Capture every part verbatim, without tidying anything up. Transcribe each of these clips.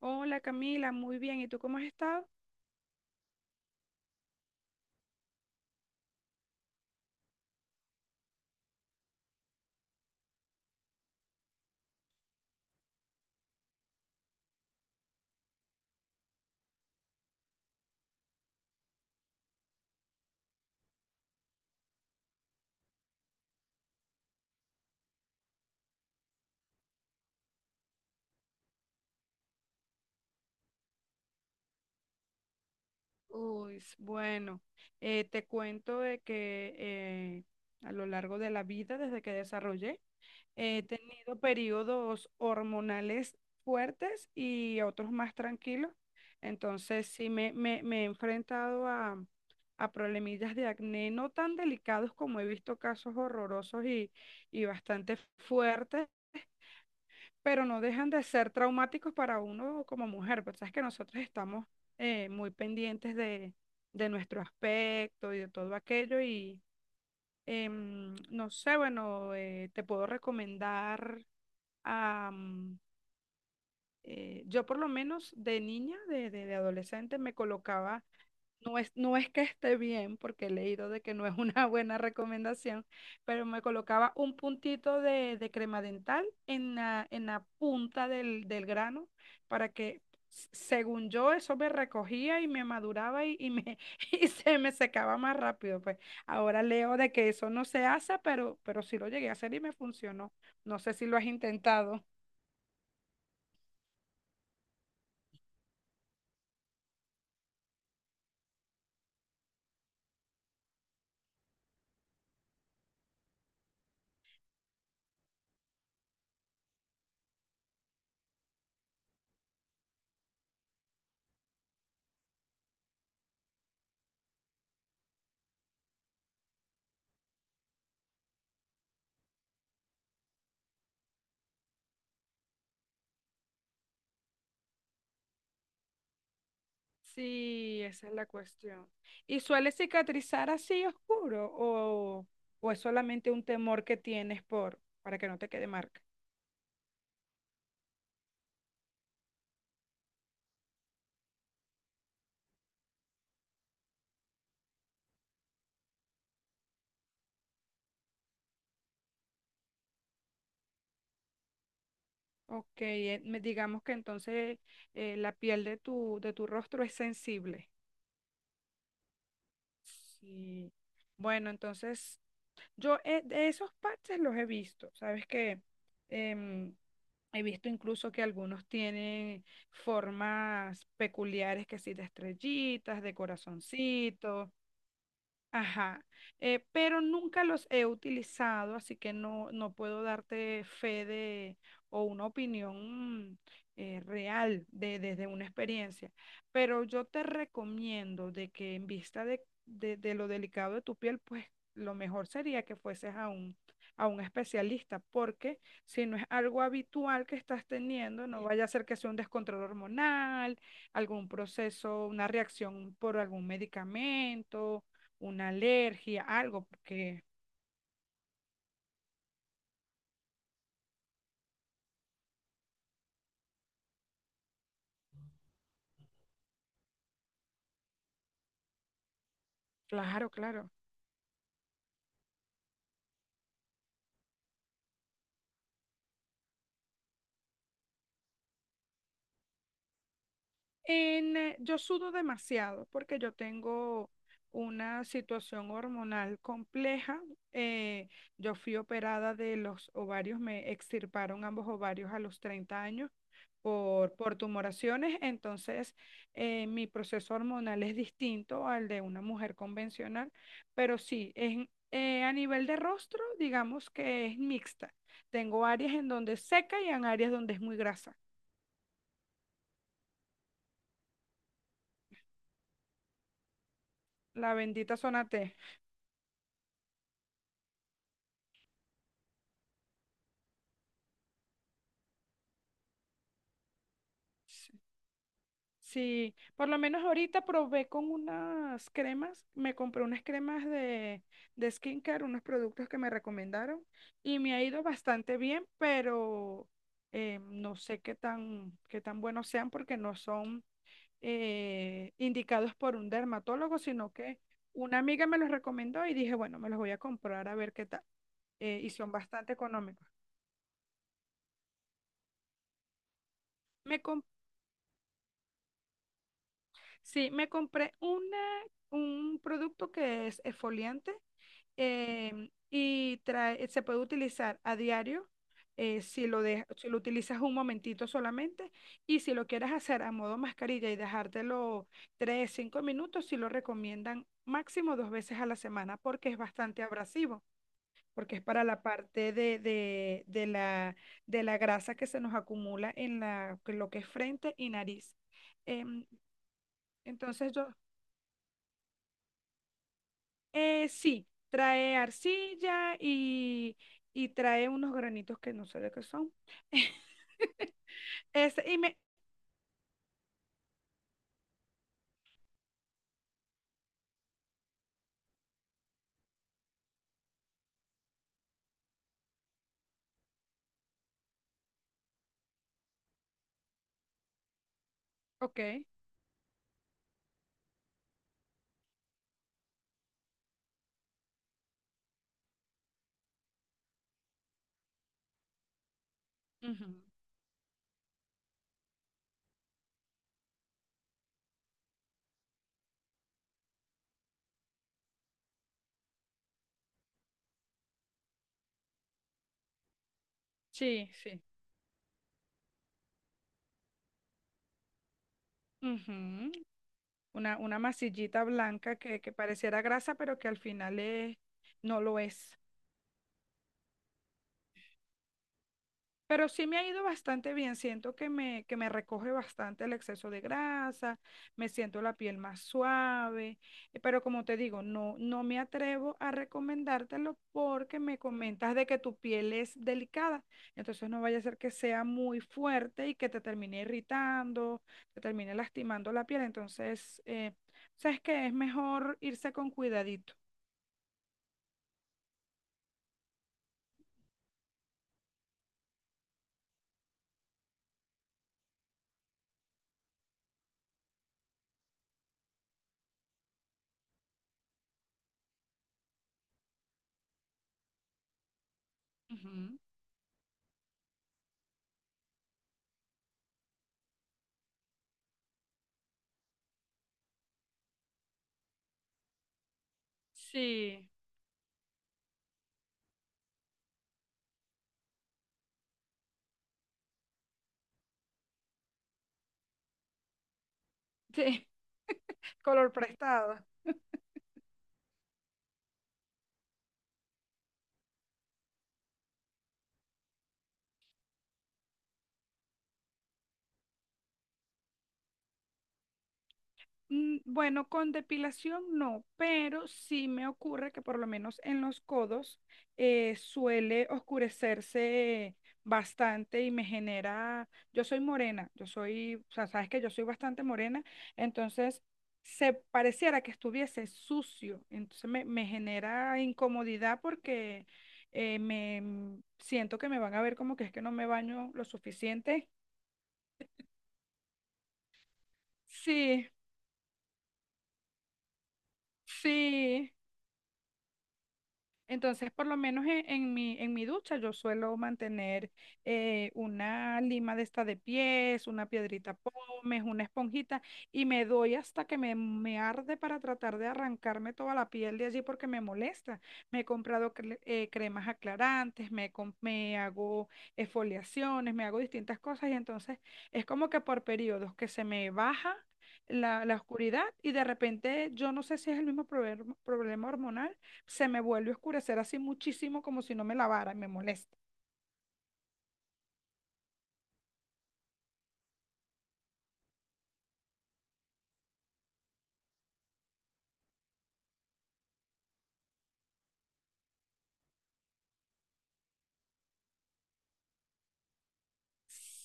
Hola Camila, muy bien. ¿Y tú cómo has estado? Uy, s- bueno, eh, te cuento de que eh, a lo largo de la vida, desde que desarrollé, he tenido periodos hormonales fuertes y otros más tranquilos. Entonces, sí me, me- me he enfrentado a, a problemillas de acné no tan delicados como he visto casos horrorosos y, y bastante fuertes, pero no dejan de ser traumáticos para uno como mujer, pues sabes que nosotros estamos eh, muy pendientes de, de nuestro aspecto y de todo aquello. Y em, no sé, bueno, eh, te puedo recomendar. Am, eh, yo por lo menos de niña, de, de- de adolescente, me colocaba... no es, No es que esté bien, porque he leído de que no es una buena recomendación, pero me colocaba un puntito de, de crema dental en la, en la punta del, del grano para que, s- según yo, eso me recogía y me maduraba, y, y me, y se me secaba más rápido. Pues ahora leo de que eso no se hace, pero, pero sí lo llegué a hacer y me funcionó. No sé si lo has intentado. Sí, esa es la cuestión. ¿Y suele cicatrizar así oscuro, o, o es solamente un temor que tienes por para que no te quede marca? Ok, eh, me- digamos que entonces eh, la piel de tu, de tu rostro es sensible. Sí. Bueno, entonces yo, eh, de esos parches los he visto. Sabes que, em, he visto incluso que algunos tienen formas peculiares que sí, de estrellitas, de corazoncitos. Ajá, eh, pero nunca los he utilizado, así que no, no puedo darte fe de o una opinión eh, real de, desde una experiencia. Pero yo te recomiendo de que en vista de, de- de lo delicado de tu piel, pues lo mejor sería que fueses a un, a un especialista, porque si no es algo habitual que estás teniendo, no vaya a ser que sea un descontrol hormonal, algún proceso, una reacción por algún medicamento, una alergia, algo, porque claro, claro. En, eh, yo sudo demasiado porque yo tengo una situación hormonal compleja. eh, yo fui operada de los ovarios, me extirparon ambos ovarios a los treinta años por, por tumoraciones. Entonces, eh, mi proceso hormonal es distinto al de una mujer convencional, pero sí, es, eh, a nivel de rostro, digamos que es mixta. Tengo áreas en donde es seca y en áreas donde es muy grasa. La bendita zona te. Sí. Sí, por lo menos ahorita probé con unas cremas, me compré unas cremas de, de skincare, unos productos que me recomendaron y me ha ido bastante bien. Pero eh, no sé qué tan, qué tan buenos sean, porque no son eh, indicados por un dermatólogo, sino que una amiga me los recomendó y dije, bueno, me los voy a comprar a ver qué tal. eh, y son bastante económicos. Me Sí, me compré una, un producto que es exfoliante. Em, y trae- se puede utilizar a diario eh, si lo de-, si lo utilizas un momentito solamente, y si lo quieres hacer a modo mascarilla y dejártelo tres, cinco minutos, si lo recomiendan, máximo dos veces a la semana, porque es bastante abrasivo, porque es para la parte de, de- de la, de la grasa que se nos acumula en la, lo que es frente y nariz. Em, entonces yo... Eh, sí, trae arcilla y, y trae unos granitos que no sé de qué son. Ese, y me... Ok. Ujú. Sí, sí. Ujú. Una, una masillita blanca que, que pareciera grasa, pero que al final es, no lo es. Pero sí me ha ido bastante bien, siento que me, que me recoge bastante el exceso de grasa, me siento la piel más suave. Eh, pero como te digo, no, no me atrevo a recomendártelo porque me comentas de que tu piel es delicada, entonces no vaya a ser que sea muy fuerte y que te termine irritando, te termine lastimando la piel. Entonces, eh, sabes que es mejor irse con cuidadito. Ujú. Sí, sí, color prestado. Mm, Bueno, con depilación no, pero sí me ocurre que por lo menos en los codos eh, suele oscurecerse bastante y me genera, yo soy morena, yo soy, o sea, sabes que yo soy bastante morena, entonces se pareciera que estuviese sucio, entonces me, me genera incomodidad porque eh, me mm, siento que me van a ver como que es que no me baño lo suficiente. Sí, sí. Entonces, por lo menos en, en mi, en mi ducha, yo suelo mantener eh, una lima de esta de pies, una piedrita pómez, una esponjita, y me doy hasta que me, me arde para tratar de arrancarme toda la piel de allí porque me molesta. Me he comprado cre- eh, cremas aclarantes, me, com- me hago exfoliaciones, me hago distintas cosas, y entonces es como que por periodos que se me baja la, la oscuridad. Y de repente yo no sé si es el mismo prober- problema hormonal, se me vuelve a oscurecer así muchísimo como si no me lavara y me molesta.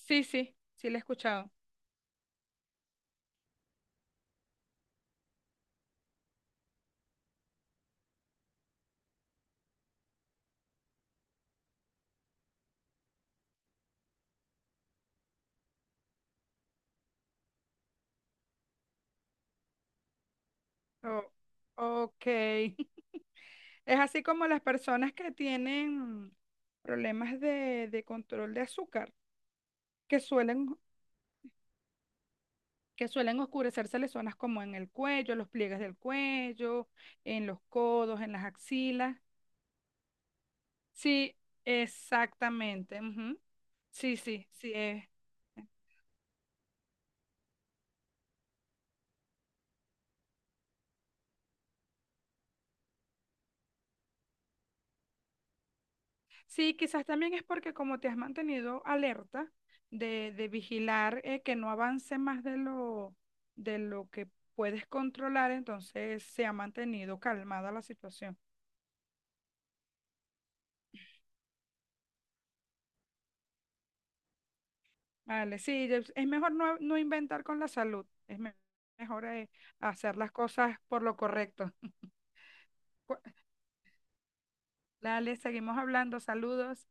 Sí, sí. Sí, la he escuchado. Oh, ok. Es así como las personas que tienen problemas de, de control de azúcar, que suelen, que suelen oscurecerse las zonas como en el cuello, los pliegues del cuello, en los codos, en las axilas. Sí, exactamente. Ujú. Sí, sí, sí. Es sí, quizás también es porque como te has mantenido alerta de, de vigilar eh, que no avance más de lo, de lo que puedes controlar, entonces se ha mantenido calmada la situación. Vale, sí, es es mejor no, no inventar con la salud, es me- mejor eh, hacer las cosas por lo correcto. Cu- Dale, seguimos hablando, saludos.